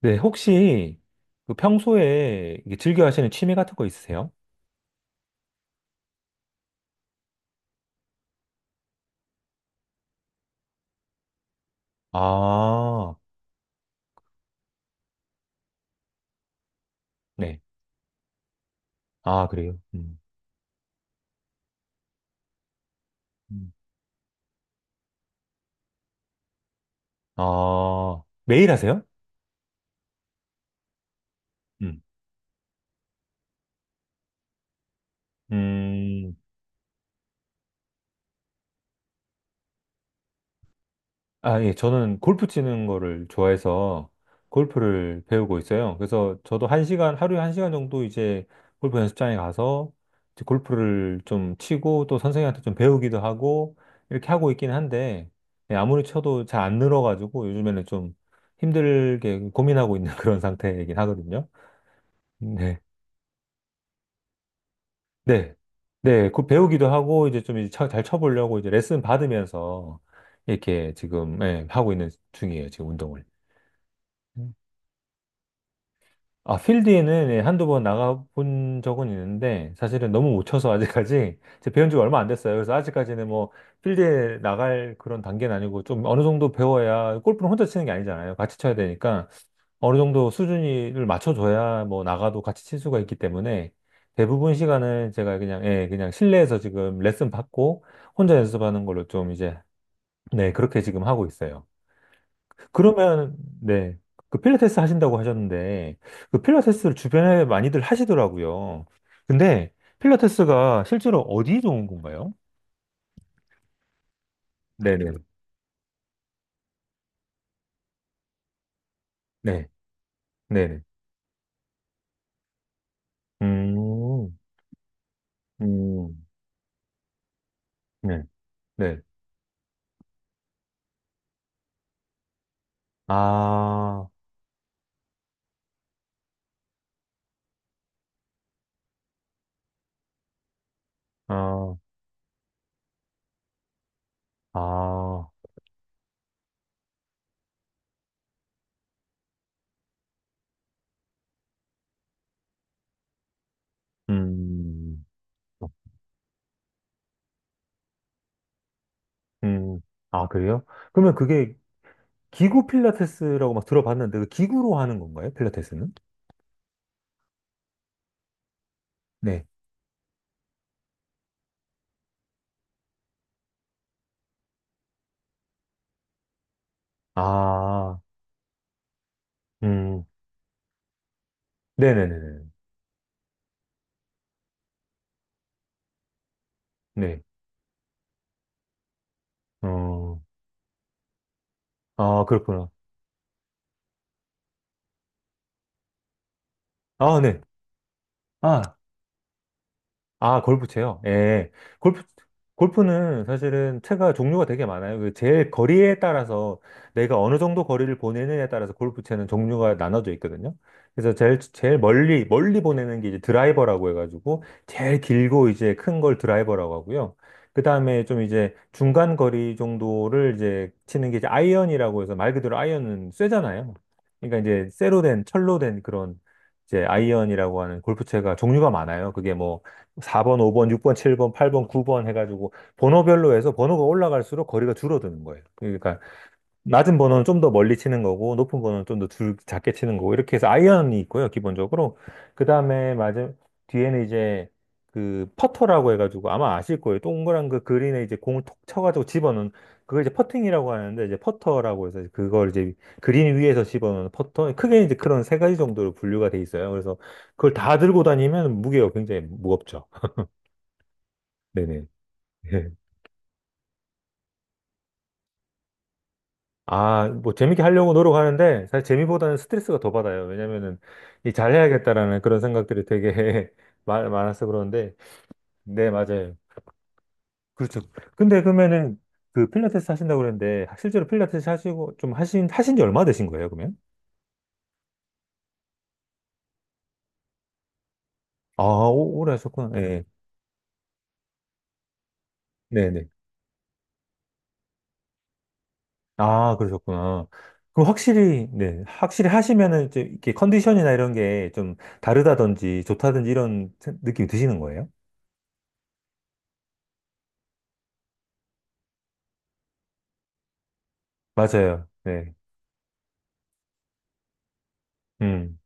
네, 혹시 그 평소에 이게 즐겨 하시는 취미 같은 거 있으세요? 아, 네. 아, 그래요? 음. 음. 아, 매일 하세요? 음. 음. 아, 예, 저는 골프 치는 거를 좋아해서 골프를 배우고 있어요. 그래서 저도 1시간, 하루에 1시간 정도 이제 골프 연습장에 가서 이제 골프를 좀 치고 또 선생님한테 좀 배우기도 하고 이렇게 하고 있긴 한데 예, 아무리 쳐도 잘 안 늘어가지고 요즘에는 좀 힘들게 고민하고 있는 그런 상태이긴 하거든요. 네. 네. 네. 그 배우기도 하고 이제 좀 이제 잘 쳐보려고 이제 레슨 받으면서 이렇게 지금 예, 하고 있는 중이에요. 지금 운동을. 아, 필드에는 예, 한두 번 나가본 적은 있는데, 사실은 너무 못 쳐서 아직까지, 제 배운 지가 얼마 안 됐어요. 그래서 아직까지는 뭐, 필드에 나갈 그런 단계는 아니고, 좀 어느 정도 배워야, 골프는 혼자 치는 게 아니잖아요. 같이 쳐야 되니까, 어느 정도 수준을 맞춰줘야 뭐, 나가도 같이 칠 수가 있기 때문에, 대부분 시간은 제가 그냥, 예, 그냥 실내에서 지금 레슨 받고, 혼자 연습하는 걸로 좀 이제, 네, 그렇게 지금 하고 있어요. 그러면, 네. 그 필라테스 하신다고 하셨는데, 그 필라테스를 주변에 많이들 하시더라고요. 근데 필라테스가 실제로 어디 좋은 건가요? 네네. 네. 네네. 음, 음, 네. 네. 아, 아, 아, 음, 음. 아, 그래요? 그러면 그게 기구 필라테스라고 막 들어봤는데, 그 기구로 하는 건가요? 필라테스는? 네. 아, 음, 네네네네. 네. 어, 아, 그렇구나. 아, 네. 아, 아, 골프채요? 예. 골프, 골프는 사실은 채가 종류가 되게 많아요. 그 제일 거리에 따라서 내가 어느 정도 거리를 보내느냐에 따라서 골프채는 종류가 나눠져 있거든요. 그래서 제일 멀리 보내는 게 이제 드라이버라고 해가지고 제일 길고 이제 큰 걸 드라이버라고 하고요. 그 다음에 좀 이제 중간 거리 정도를 이제 치는 게 이제 아이언이라고 해서 말 그대로 아이언은 쇠잖아요. 그러니까 이제 쇠로 된, 철로 된 그런 이제 아이언이라고 하는 골프채가 종류가 많아요. 그게 뭐 4번, 5번, 6번, 7번, 8번, 9번 해가지고 번호별로 해서 번호가 올라갈수록 거리가 줄어드는 거예요. 그러니까 낮은 번호는 좀 더 멀리 치는 거고 높은 번호는 좀 더 작게 치는 거고 이렇게 해서 아이언이 있고요, 기본적으로. 그 다음에 맞아 뒤에는 이제 그 퍼터라고 해가지고 아마 아실 거예요. 동그란 그 그린에 이제 공을 톡 쳐가지고 집어넣는 그걸 이제 퍼팅이라고 하는데 이제 퍼터라고 해서 그걸 이제 그린 위에서 집어넣는 퍼터 크게 이제 그런 3가지 정도로 분류가 돼 있어요. 그래서 그걸 다 들고 다니면 무게가 굉장히 무겁죠. 네네. 아, 뭐 재밌게 하려고 노력하는데 사실 재미보다는 스트레스가 더 받아요. 왜냐면은 이 잘해야겠다라는 그런 생각들이 되게 많아서 그런데 네, 맞아요. 그렇죠. 근데 그러면은 그 필라테스 하신다고 그랬는데 실제로 필라테스 하시고 좀 하신 지 얼마 되신 거예요, 그러면? 아, 오래 하셨구나. 네. 네네. 아, 그러셨구나. 그럼 확실히 네, 확실히 하시면은 이제 이렇게 컨디션이나 이런 게 좀 다르다든지 좋다든지 이런 느낌이 드시는 거예요? 맞아요. 네. 음.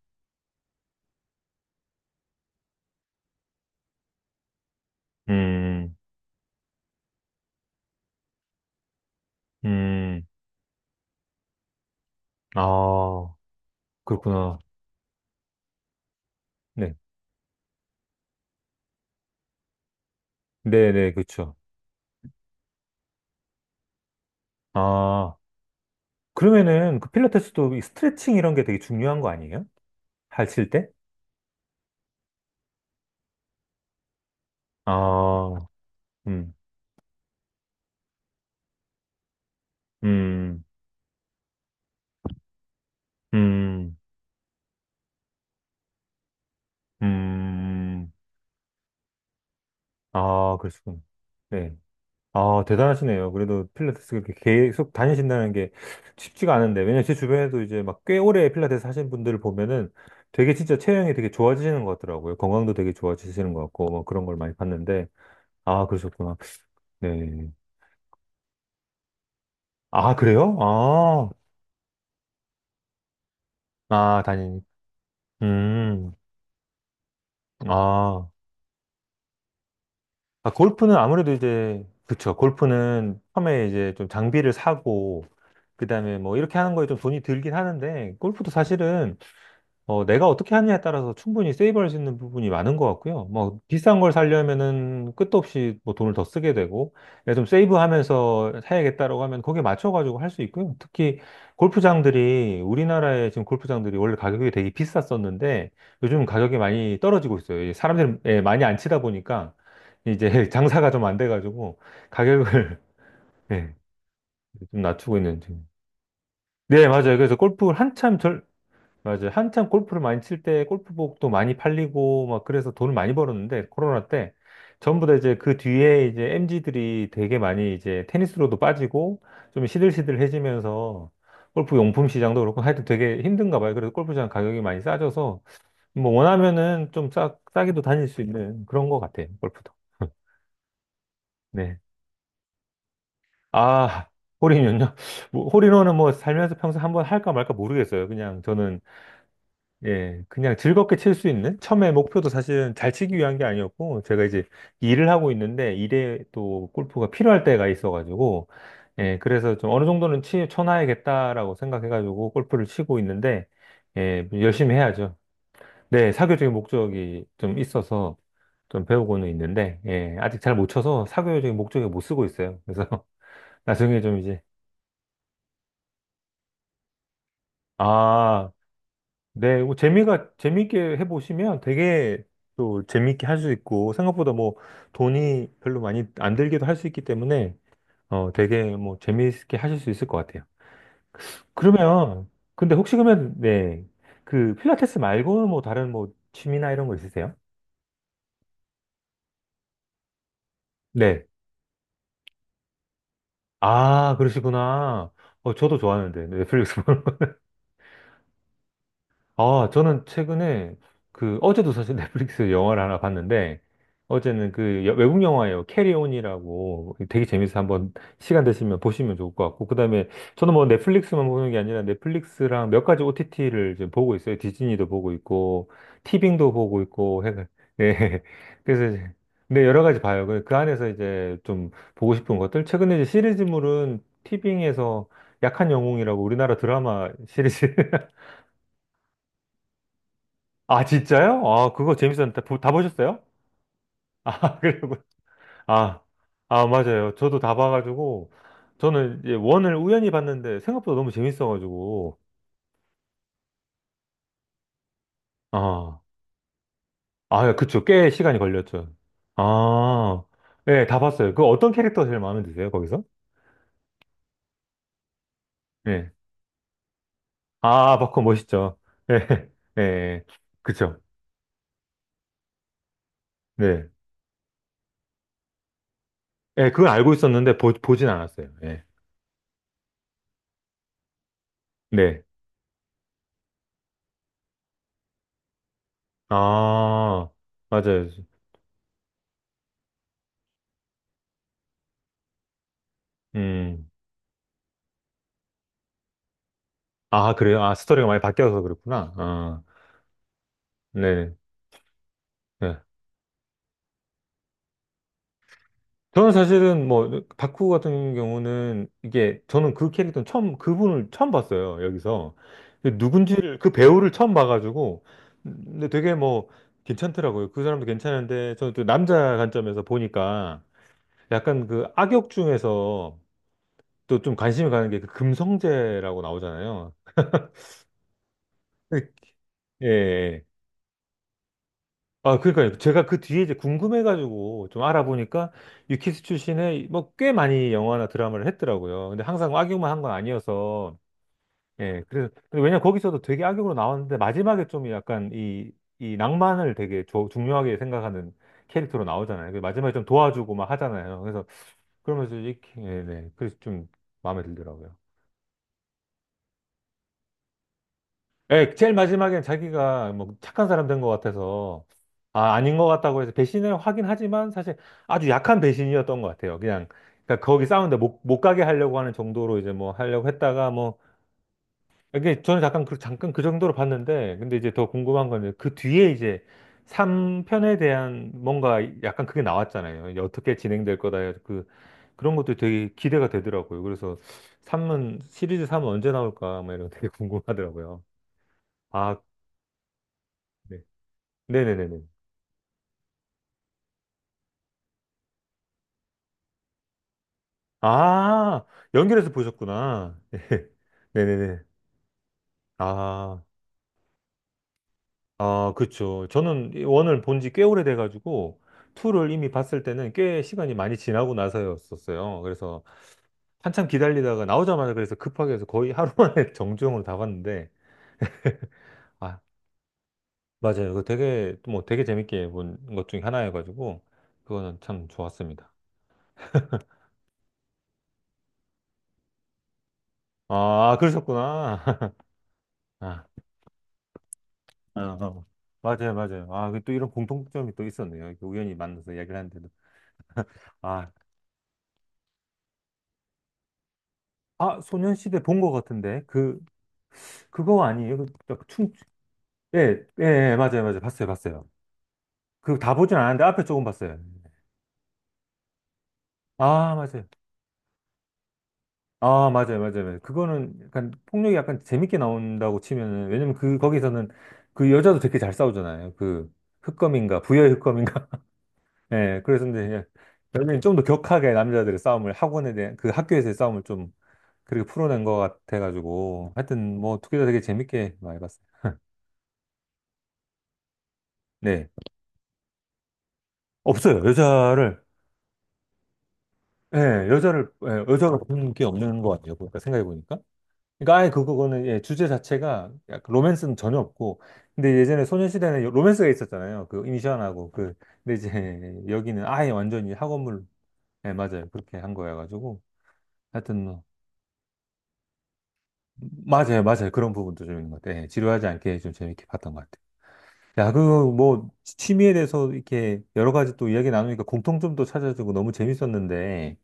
음, 음, 아, 그렇구나. 네, 네, 네, 그렇죠. 아, 그러면은 그 필라테스도 이 스트레칭 이런 게 되게 중요한 거 아니에요? 하실 때? 아, 음, 음, 음, 음, 아, 그러시군. 네. 아, 대단하시네요. 그래도 필라테스 그렇게 계속 다니신다는 게 쉽지가 않은데, 왜냐면 제 주변에도 이제 막 꽤 오래 필라테스 하신 분들을 보면은 되게 진짜 체형이 되게 좋아지시는 것 같더라고요. 건강도 되게 좋아지시는 것 같고, 뭐 그런 걸 많이 봤는데, 아, 그러셨구나. 네. 아, 그래요? 아, 아, 다니. 음, 아. 아, 골프는 아무래도 이제, 그쵸. 골프는 처음에 이제 좀 장비를 사고, 그 다음에 뭐 이렇게 하는 거에 좀 돈이 들긴 하는데, 골프도 사실은 어, 내가 어떻게 하느냐에 따라서 충분히 세이브할 수 있는 부분이 많은 것 같고요. 뭐, 비싼 걸 사려면은 끝도 없이 뭐 돈을 더 쓰게 되고, 내가 좀 세이브하면서 사야겠다라고 하면 거기에 맞춰가지고 할 수 있고요. 특히 골프장들이, 우리나라의 지금 골프장들이 원래 가격이 되게 비쌌었는데, 요즘 가격이 많이 떨어지고 있어요. 이 사람들이 예, 많이 안 치다 보니까, 이제 장사가 좀 안 돼가지고, 가격을, 예, 좀 낮추고 있는 지금. 네, 맞아요. 그래서 골프를 한참 절, 맞아요. 한참 골프를 많이 칠 때 골프복도 많이 팔리고 막 그래서 돈을 많이 벌었는데 코로나 때 전부 다 이제 그 뒤에 이제 m 지들이 되게 많이 이제 테니스로도 빠지고 좀 시들시들해지면서 골프 용품 시장도 그렇고 하여튼 되게 힘든가 봐요. 그래서 골프장 가격이 많이 싸져서 뭐 원하면은 좀 싸게도 다닐 수 있는 그런 것 같아요. 골프도. 네. 아, 홀인원요? 뭐, 홀인원은 뭐 살면서 평소 한번 할까 말까 모르겠어요. 그냥 저는 예, 그냥 즐겁게 칠 수 있는? 처음에 목표도 사실은 잘 치기 위한 게 아니었고, 제가 이제 일을 하고 있는데, 일에 또 골프가 필요할 때가 있어가지고, 예, 그래서 좀 어느 정도는 치, 쳐놔야겠다라고 생각해가지고 골프를 치고 있는데, 예, 열심히 해야죠. 네, 사교적인 목적이 좀 있어서 좀 배우고는 있는데, 예, 아직 잘 못 쳐서 사교적인 목적에 못 쓰고 있어요. 그래서 나중에 좀 이제, 아, 네, 뭐 재미가 재밌게 해보시면 되게 또 재밌게 할 수 있고 생각보다 뭐 돈이 별로 많이 안 들기도 할 수 있기 때문에 어 되게 뭐 재미있게 하실 수 있을 것 같아요. 그러면 근데 혹시 그러면 네. 그 필라테스 말고는 뭐 다른 뭐 취미나 이런 거 있으세요? 네. 아, 그러시구나. 어 저도 좋아하는데 넷플릭스 아, 저는 최근에 그 어제도 사실 넷플릭스 영화를 하나 봤는데 어제는 그 외국 영화예요. 캐리온이라고 되게 재밌어서 한번 시간 되시면 보시면 좋을 것 같고 그다음에 저는 뭐 넷플릭스만 보는 게 아니라 넷플릭스랑 몇 가지 OTT를 지금 보고 있어요. 디즈니도 보고 있고 티빙도 보고 있고 해서 네. 그래서 이제 네, 여러 가지 봐요. 그그 안에서 이제 좀 보고 싶은 것들 최근에 이제 시리즈물은 티빙에서 약한 영웅이라고 우리나라 드라마 시리즈 아, 진짜요? 아, 그거 재밌었는데. 다 보셨어요? 아, 그리고, 아, 아, 맞아요. 저도 다 봐가지고, 저는 이제 원을 우연히 봤는데, 생각보다 너무 재밌어가지고, 아, 아, 그쵸. 꽤 시간이 걸렸죠. 아, 예, 다 봤어요. 그 어떤 캐릭터가 제일 마음에 드세요, 거기서? 예. 아, 바코 멋있죠. 예, 예, 그쵸. 네. 예, 그건 알고 있었는데, 보진 않았어요. 예. 네. 아, 맞아요. 음. 아, 그래요? 아, 스토리가 많이 바뀌어서 그렇구나. 아, 네. 네. 저는 사실은 뭐, 바쿠 같은 경우는 이게, 저는 그 캐릭터는 처음, 그분을 처음 봤어요, 여기서. 누군지를, 그 배우를 처음 봐가지고, 근데 되게 뭐, 괜찮더라고요. 그 사람도 괜찮은데, 저는 또 남자 관점에서 보니까, 약간 그 악역 중에서 또 좀 관심이 가는 게 그 금성재라고 나오잖아요. 그, 예, 예. 아, 그러니까요. 제가 그 뒤에 이제 궁금해가지고 좀 알아보니까 유키스 출신의 뭐 꽤 많이 영화나 드라마를 했더라고요. 근데 항상 악역만 한 건 아니어서. 예, 그래서, 근데 왜냐면 거기서도 되게 악역으로 나왔는데 마지막에 좀 약간 이, 이 낭만을 되게 중요하게 생각하는 캐릭터로 나오잖아요. 그 마지막에 좀 도와주고 막 하잖아요. 그래서 그러면서 이렇게, 예, 네. 그래서 좀 마음에 들더라고요. 예, 제일 마지막엔 자기가 뭐 착한 사람 된 것 같아서, 아, 아닌 것 같다고 해서 배신을 하긴 하지만 사실 아주 약한 배신이었던 것 같아요. 그냥, 그러니까 거기 싸우는데 못 가게 하려고 하는 정도로 이제 뭐 하려고 했다가 뭐, 이게 저는 잠깐 그, 잠깐 그 정도로 봤는데, 근데 이제 더 궁금한 건 그 뒤에 이제 3편에 대한 뭔가 약간 그게 나왔잖아요. 이제 어떻게 진행될 거다. 해 그, 그런 것도 되게 기대가 되더라고요. 그래서 삼은 시리즈 3은 언제 나올까? 막 이런 거 되게 궁금하더라고요. 아, 네. 네네네네. 아, 연결해서 보셨구나. 예. 네네네. 아, 아, 그쵸. 저는 이 원을 본지 꽤 오래돼가지고, 투를 이미 봤을 때는 꽤 시간이 많이 지나고 나서였었어요. 그래서 한참 기다리다가 나오자마자 그래서 급하게 해서 거의 하루 만에 정주행으로 다 봤는데, 아, 맞아요. 그거 되게, 뭐 되게 재밌게 본 것 중에 하나여가지고, 그거는 참 좋았습니다. 아, 그러셨구나. 아, 어, 어. 맞아요, 맞아요. 아, 그또 이런 공통점이 또 있었네요. 이렇게 우연히 만나서 이야기를 하는데도. 아, 아, 소년시대 본 것 같은데. 그, 그거 아니에요? 그, 저 충, 예, 예, 예, 맞아요, 맞아요. 봤어요, 봤어요. 그 다 보진 않았는데 앞에 조금 봤어요. 아, 맞아요. 아, 맞아요, 맞아요. 맞아요. 그거는 약간 폭력이 약간 재밌게 나온다고 치면은, 왜냐면 그, 거기서는 그 여자도 되게 잘 싸우잖아요. 그, 흑검인가, 부여의 흑검인가. 예, 그래서 이제, 여기는 좀 더 격하게 남자들의 싸움을, 학원에 대한, 그 학교에서의 싸움을 좀 그렇게 풀어낸 것 같아가지고 하여튼 뭐 2개 다 되게 재밌게 많이 봤어요. 네, 없어요. 예, 여자를 예, 여자가 보는 게 없는 것 같아요. 보니까 생각해 보니까. 그러니까 아예 그, 그거는 예, 주제 자체가 약간 로맨스는 전혀 없고 근데 예전에 소녀시대는 로맨스가 있었잖아요. 그 이니션하고 그 근데 이제 여기는 아예 완전히 학원물 예, 맞아요. 그렇게 한 거여가지고 하여튼 뭐 맞아요, 맞아요. 그런 부분도 좀 있는 것 같아요. 예, 지루하지 않게 좀 재밌게 봤던 것 같아요. 야, 그, 뭐, 취미에 대해서 이렇게 여러 가지 또 이야기 나누니까 공통점도 찾아주고 너무 재밌었는데,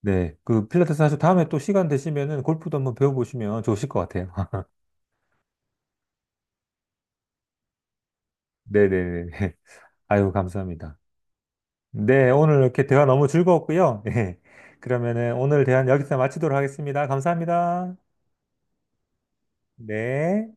네, 그 필라테스 하고 다음에 또 시간 되시면은 골프도 한번 배워보시면 좋으실 것 같아요. 네네네. 아유, 감사합니다. 네, 오늘 이렇게 대화 너무 즐거웠고요. 예. 그러면은 오늘 대화 여기서 마치도록 하겠습니다. 감사합니다. 네.